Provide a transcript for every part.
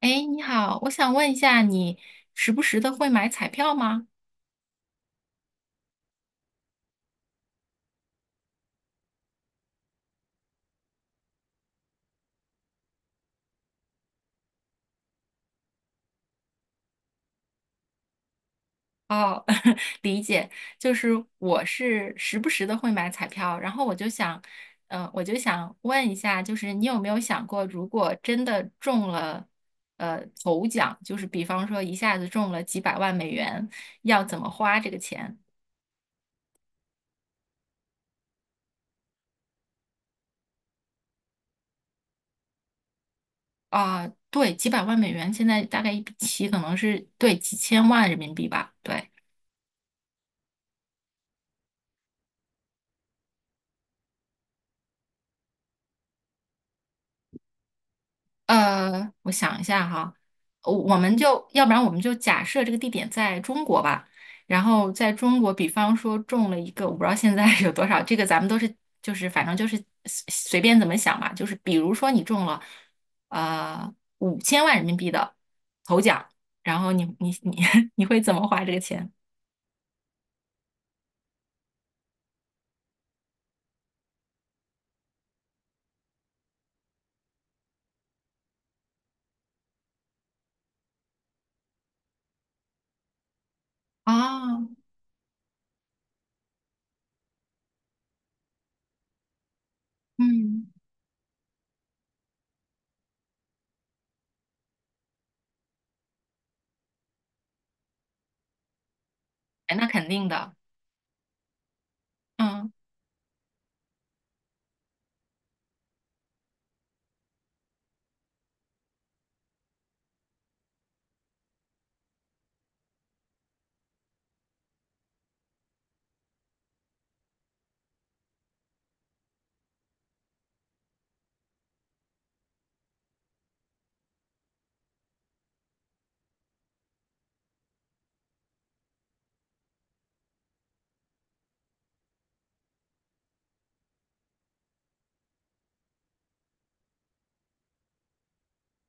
哎，你好，我想问一下，你时不时的会买彩票吗？哦，理解，就是我是时不时的会买彩票，然后我就想，我就想问一下，就是你有没有想过，如果真的中了，头奖，就是比方说一下子中了几百万美元，要怎么花这个钱？啊，对，几百万美元，现在大概一笔棋可能是对几千万人民币吧，对。我想一下哈，我我们就要不然我们就假设这个地点在中国吧，然后在中国，比方说中了一个，我不知道现在 有多少，这个咱们都是就是反正就是随便怎么想吧，就是比如说你中了呃五千万人民币的头奖，然后你你你 你会怎么花这个钱？啊，嗯，哎那肯定的，嗯，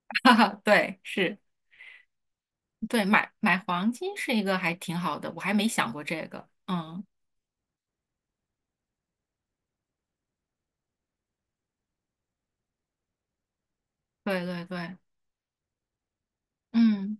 哈哈，对，是，对，买买黄金是一个还挺好的，我还没想过这个，嗯。对对对，嗯，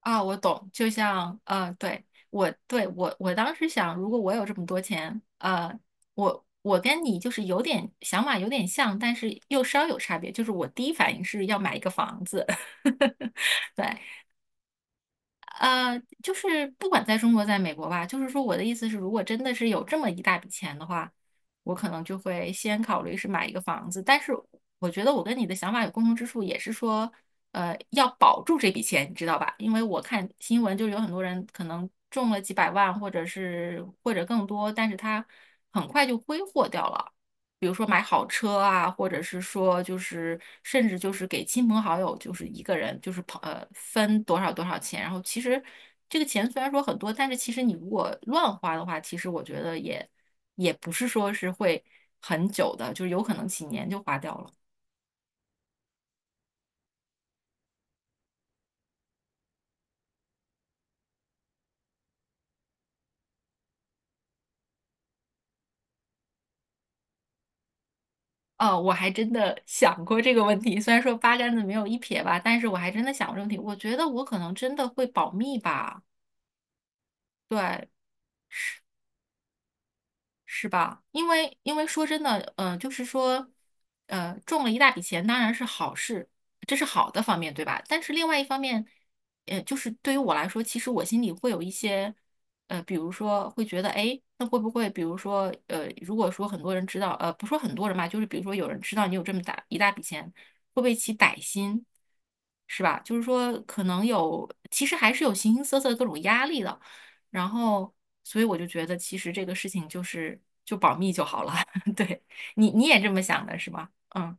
啊，我懂，就像，呃，对，我当时想，如果我有这么多钱，呃，我跟你就是有点想法有点像，但是又稍有差别，就是我第一反应是要买一个房子，对，就是不管在中国，在美国吧，就是说我的意思是，如果真的是有这么一大笔钱的话，我可能就会先考虑是买一个房子。但是我觉得我跟你的想法有共同之处，也是说，要保住这笔钱，你知道吧？因为我看新闻，就是有很多人可能中了几百万，或者更多，但是他很快就挥霍掉了。比如说买好车啊，或者是说就是甚至就是给亲朋好友，就是一个人就是分多少多少钱，然后其实这个钱虽然说很多，但是其实你如果乱花的话，其实我觉得也不是说是会很久的，就是有可能几年就花掉了。哦，我还真的想过这个问题，虽然说八竿子没有一撇吧，但是我还真的想过这个问题。我觉得我可能真的会保密吧，对，是吧？因为因为说真的，呃，就是说，中了一大笔钱当然是好事，这是好的方面，对吧？但是另外一方面，就是对于我来说，其实我心里会有一些，比如说会觉得，哎，那会不会，比如说，呃，如果说很多人知道，呃，不说很多人吧，就是比如说有人知道你有这么大一大笔钱，会不会起歹心，是吧？就是说，可能有，其实还是有形形色色的各种压力的。然后，所以我就觉得其实这个事情就是就保密就好了。对，你你也这么想的是吧？嗯。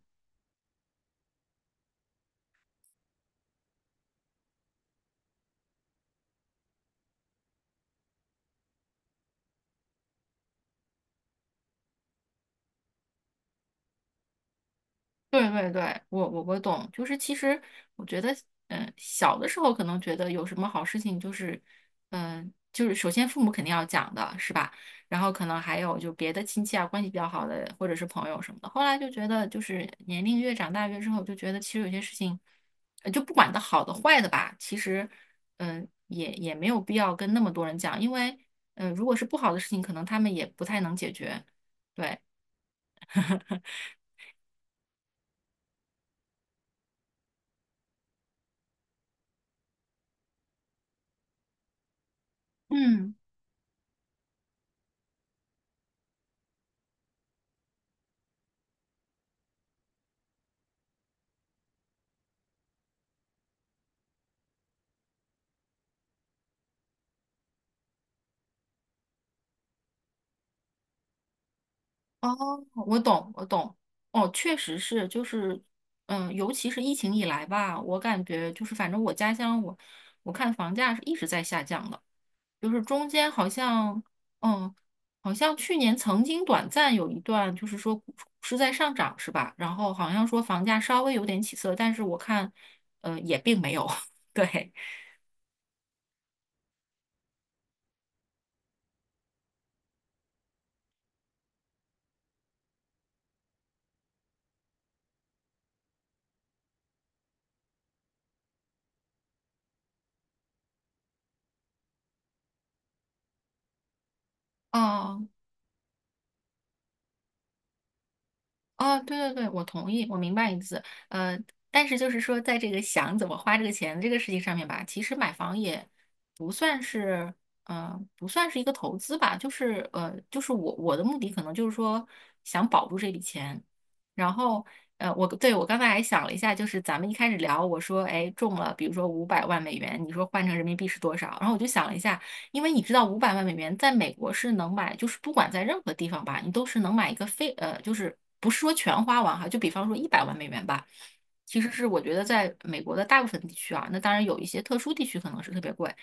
对对对，我懂，就是其实我觉得，小的时候可能觉得有什么好事情，就是，就是首先父母肯定要讲的是吧？然后可能还有就别的亲戚啊，关系比较好的或者是朋友什么的。后来就觉得，就是年龄越长大越之后，就觉得其实有些事情，就不管它好的坏的吧，其实，也没有必要跟那么多人讲，因为，如果是不好的事情，可能他们也不太能解决。对，嗯。哦，我懂，我懂。哦，确实是，就是，嗯，尤其是疫情以来吧，我感觉就是，反正我家乡我，看房价是一直在下降的，就是中间好像，嗯，好像去年曾经短暂有一段，就是说股是在上涨，是吧？然后好像说房价稍微有点起色，但是我看，也并没有。对，哦。哦，对对对，我同意，我明白你的意思。但是就是说，在这个想怎么花这个钱这个事情上面吧，其实买房也不算是，不算是一个投资吧，就是就是我的目的可能就是说想保住这笔钱，然后我刚才还想了一下，就是咱们一开始聊，我说哎中了，比如说五百万美元，你说换成人民币是多少？然后我就想了一下。因为你知道五百万美元在美国是能买，就是不管在任何地方吧，你都是能买一个非呃，就是不是说全花完哈，就比方说100万美元吧，其实是我觉得在美国的大部分地区啊，那当然有一些特殊地区可能是特别贵，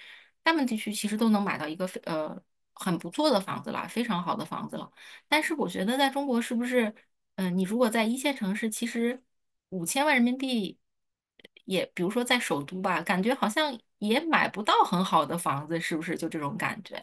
大部分地区其实都能买到一个非呃很不错的房子了，非常好的房子了。但是我觉得在中国是不是？嗯，呃你如果在一线城市，其实五千万人民币也，比如说在首都吧，感觉好像也买不到很好的房子，是不是？就这种感觉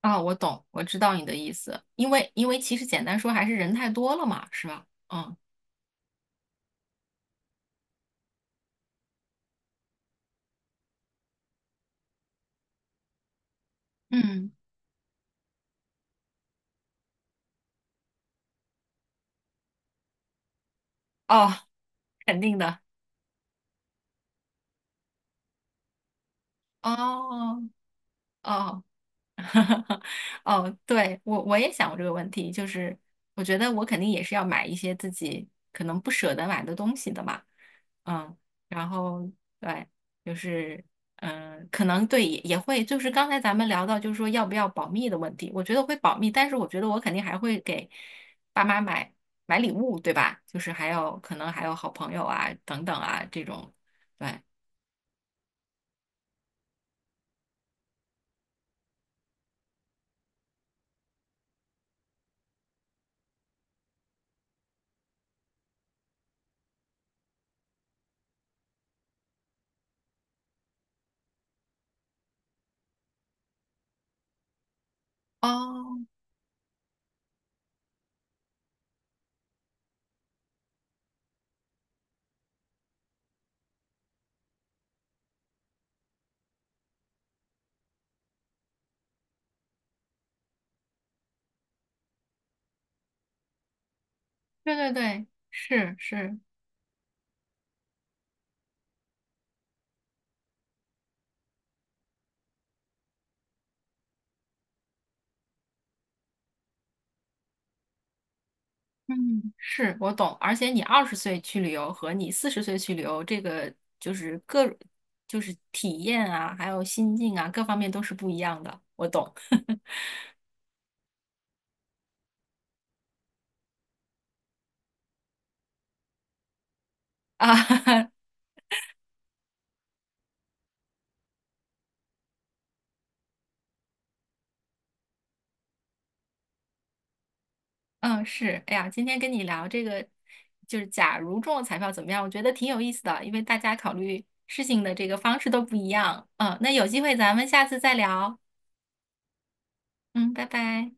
啊，我懂，我知道你的意思，因为其实简单说还是人太多了嘛，是吧？嗯嗯，哦，肯定的，哦哦。哦，对，我也想过这个问题，就是我觉得我肯定也是要买一些自己可能不舍得买的东西的嘛，嗯，然后对，就是可能对也会，就是刚才咱们聊到就是说要不要保密的问题，我觉得会保密，但是我觉得我肯定还会给爸妈买买礼物，对吧？就是还有可能还有好朋友啊等等啊这种，对，哦，对对对，是是。嗯，是我懂，而且你20岁去旅游和你40岁去旅游，这个就是各就是体验啊，还有心境啊，各方面都是不一样的。我懂 啊，嗯，是，哎呀，今天跟你聊这个，就是假如中了彩票怎么样？我觉得挺有意思的，因为大家考虑事情的这个方式都不一样。嗯，那有机会咱们下次再聊。嗯，拜拜。